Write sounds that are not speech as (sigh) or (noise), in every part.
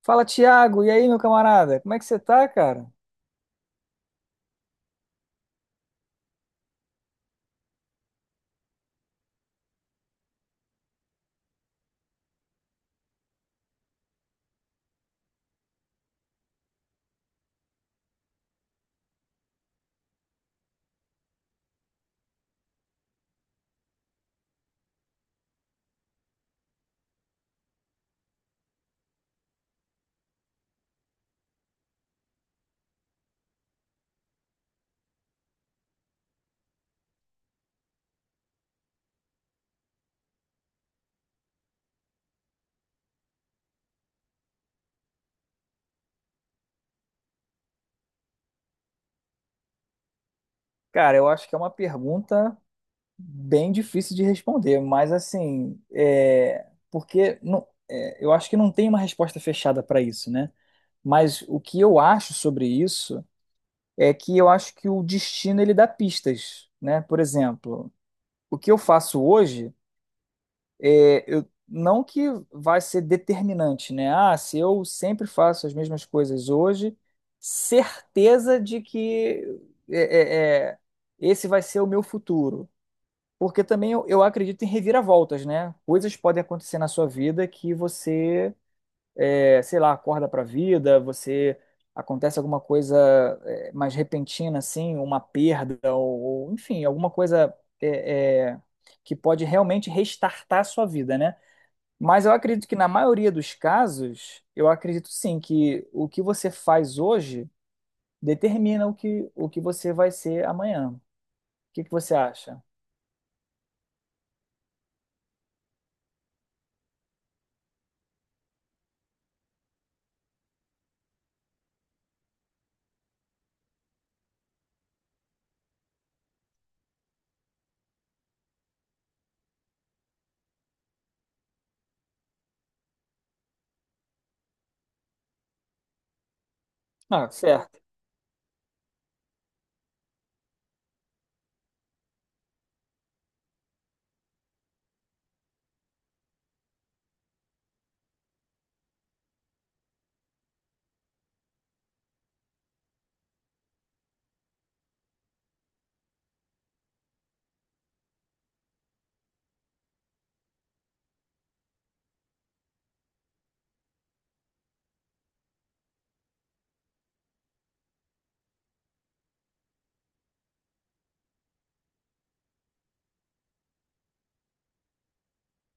Fala, Thiago. E aí, meu camarada? Como é que você tá, cara? Cara, eu acho que é uma pergunta bem difícil de responder, mas assim, é... porque não... é, eu acho que não tem uma resposta fechada para isso, né? Mas o que eu acho sobre isso é que eu acho que o destino ele dá pistas, né? Por exemplo, o que eu faço hoje não que vai ser determinante, né? Ah, se eu sempre faço as mesmas coisas hoje, certeza de que é, é, é, esse vai ser o meu futuro. Porque também eu acredito em reviravoltas, né? Coisas podem acontecer na sua vida que sei lá, acorda pra vida, você acontece alguma coisa mais repentina, assim, uma perda, ou, enfim, alguma coisa é, é, que pode realmente restartar a sua vida, né? Mas eu acredito que na maioria dos casos, eu acredito sim que o que você faz hoje determina o que você vai ser amanhã. O que que você acha? Ah, certo.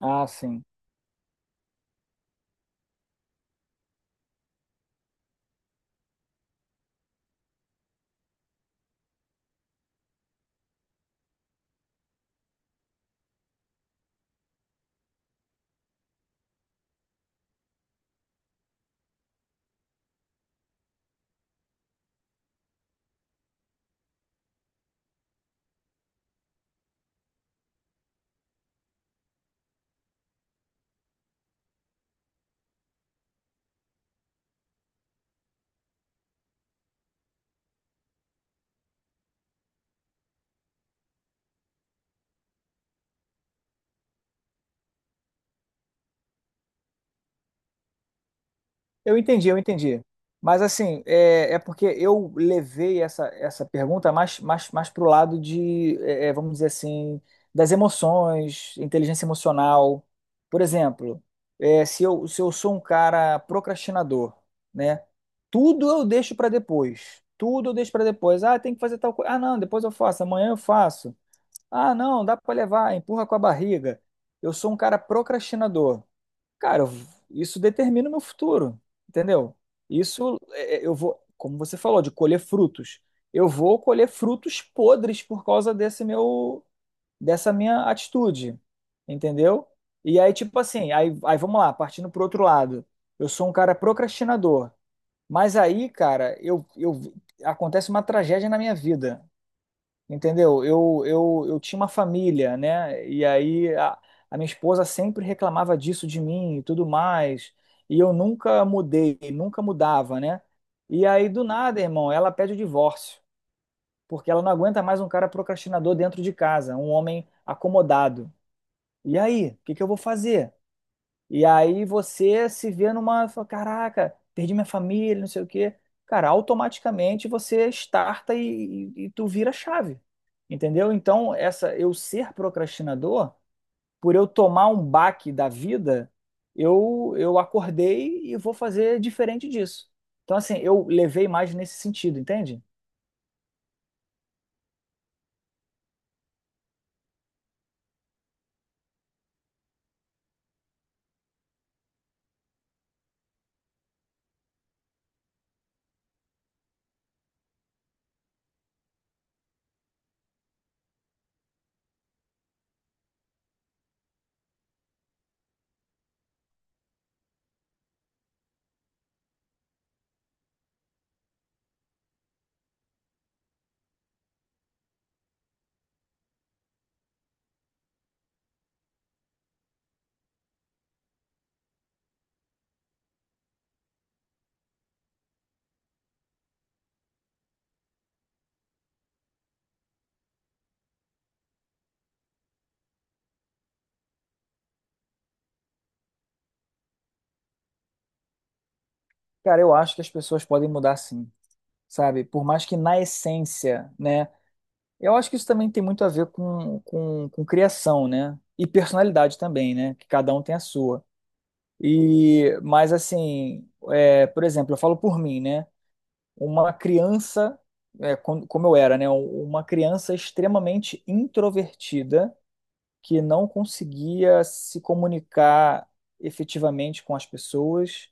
Ah, sim. Eu entendi, eu entendi. Mas assim, é porque eu levei essa pergunta mais, mais pro lado de vamos dizer assim, das emoções, inteligência emocional. Por exemplo, se eu sou um cara procrastinador, né? Tudo eu deixo para depois. Tudo eu deixo para depois. Ah, tem que fazer tal coisa. Ah, não, depois eu faço. Amanhã eu faço. Ah, não, dá para levar. Empurra com a barriga. Eu sou um cara procrastinador. Cara, eu- isso determina o meu futuro, entendeu? Eu vou, como você falou, de colher frutos. Eu vou colher frutos podres por causa dessa minha atitude, entendeu? E aí, tipo assim, aí vamos lá, partindo pro outro lado. Eu sou um cara procrastinador, mas aí, cara, eu acontece uma tragédia na minha vida. Entendeu? Eu tinha uma família, né? E aí a minha esposa sempre reclamava disso de mim e tudo mais. E eu nunca mudei, nunca mudava, né? E aí do nada, irmão, ela pede o divórcio, porque ela não aguenta mais um cara procrastinador dentro de casa, um homem acomodado. E aí, o que que eu vou fazer? E aí você se vê numa, fala, caraca, perdi minha família, não sei o quê. Cara, automaticamente você starta e tu vira chave. Entendeu? Então, essa eu ser procrastinador, por eu tomar um baque da vida, eu acordei e vou fazer diferente disso. Então, assim, eu levei mais nesse sentido, entende? Cara, eu acho que as pessoas podem mudar sim, sabe? Por mais que na essência, né? Eu acho que isso também tem muito a ver com, com criação, né? E personalidade também, né? Que cada um tem a sua. E, mas assim, é, por exemplo, eu falo por mim, né? Uma criança, como eu era, né? Uma criança extremamente introvertida que não conseguia se comunicar efetivamente com as pessoas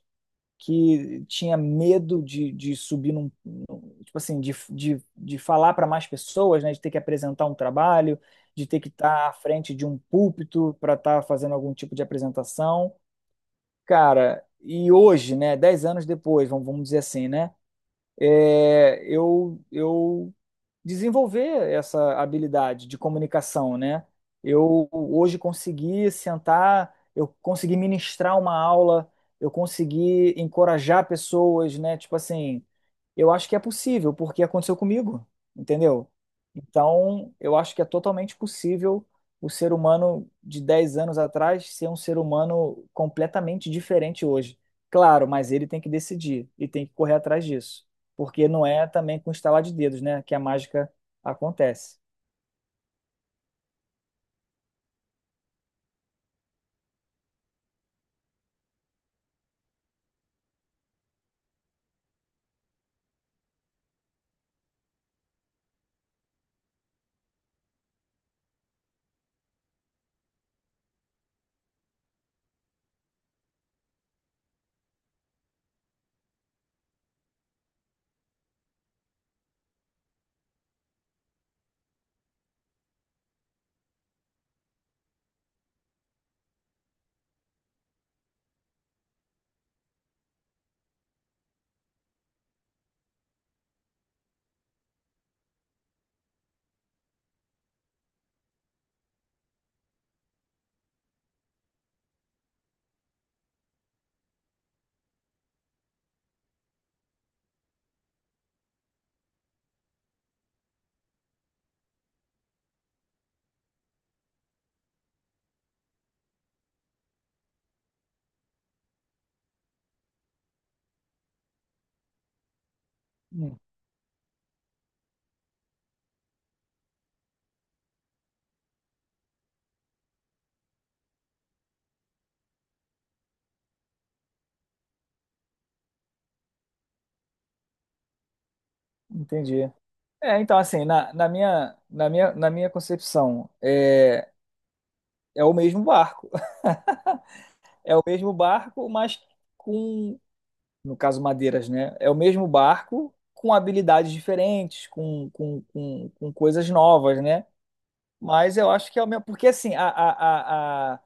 que tinha medo de subir tipo assim, de falar para mais pessoas, né, de ter que apresentar um trabalho, de ter que estar à frente de um púlpito para estar fazendo algum tipo de apresentação. Cara, e hoje, né, dez anos depois, vamos dizer assim, né, eu desenvolver essa habilidade de comunicação, né? Eu hoje consegui sentar, eu consegui ministrar uma aula, eu consegui encorajar pessoas, né? Tipo assim, eu acho que é possível, porque aconteceu comigo, entendeu? Então, eu acho que é totalmente possível o ser humano de 10 anos atrás ser um ser humano completamente diferente hoje. Claro, mas ele tem que decidir e tem que correr atrás disso porque não é também com estalar de dedos, né, que a mágica acontece. Hum, entendi. É, então assim, na minha concepção, é o mesmo barco. (laughs) É o mesmo barco, mas com, no caso madeiras, né? É o mesmo barco com habilidades diferentes, com coisas novas, né? Mas eu acho que é o mesmo, porque assim,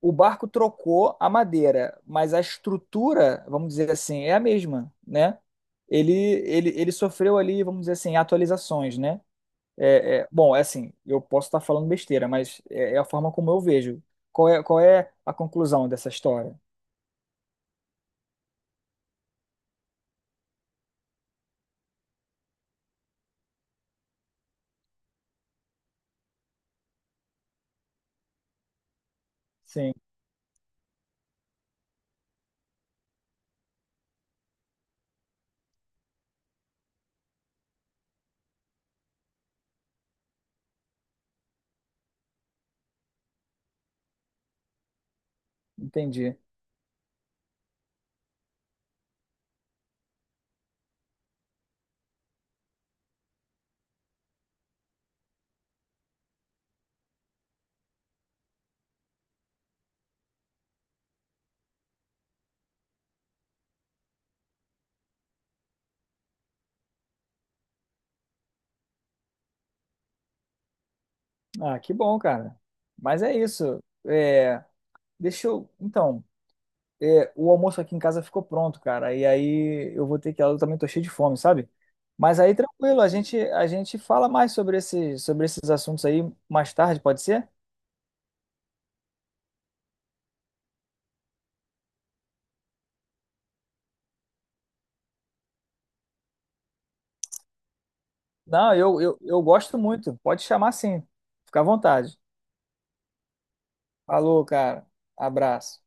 o barco trocou a madeira, mas a estrutura, vamos dizer assim, é a mesma, né? Ele sofreu ali, vamos dizer assim, atualizações, né? Bom, é assim, eu posso estar falando besteira, mas é a forma como eu vejo. Qual é a conclusão dessa história? Sim, entendi. Ah, que bom, cara. Mas é isso. É, deixa eu. Então, é, o almoço aqui em casa ficou pronto, cara. E aí eu vou ter que. Eu também tô cheio de fome, sabe? Mas aí tranquilo, a gente fala mais sobre esse, sobre esses assuntos aí mais tarde, pode ser? Não, eu gosto muito. Pode chamar sim. Fica à vontade. Falou, cara. Abraço.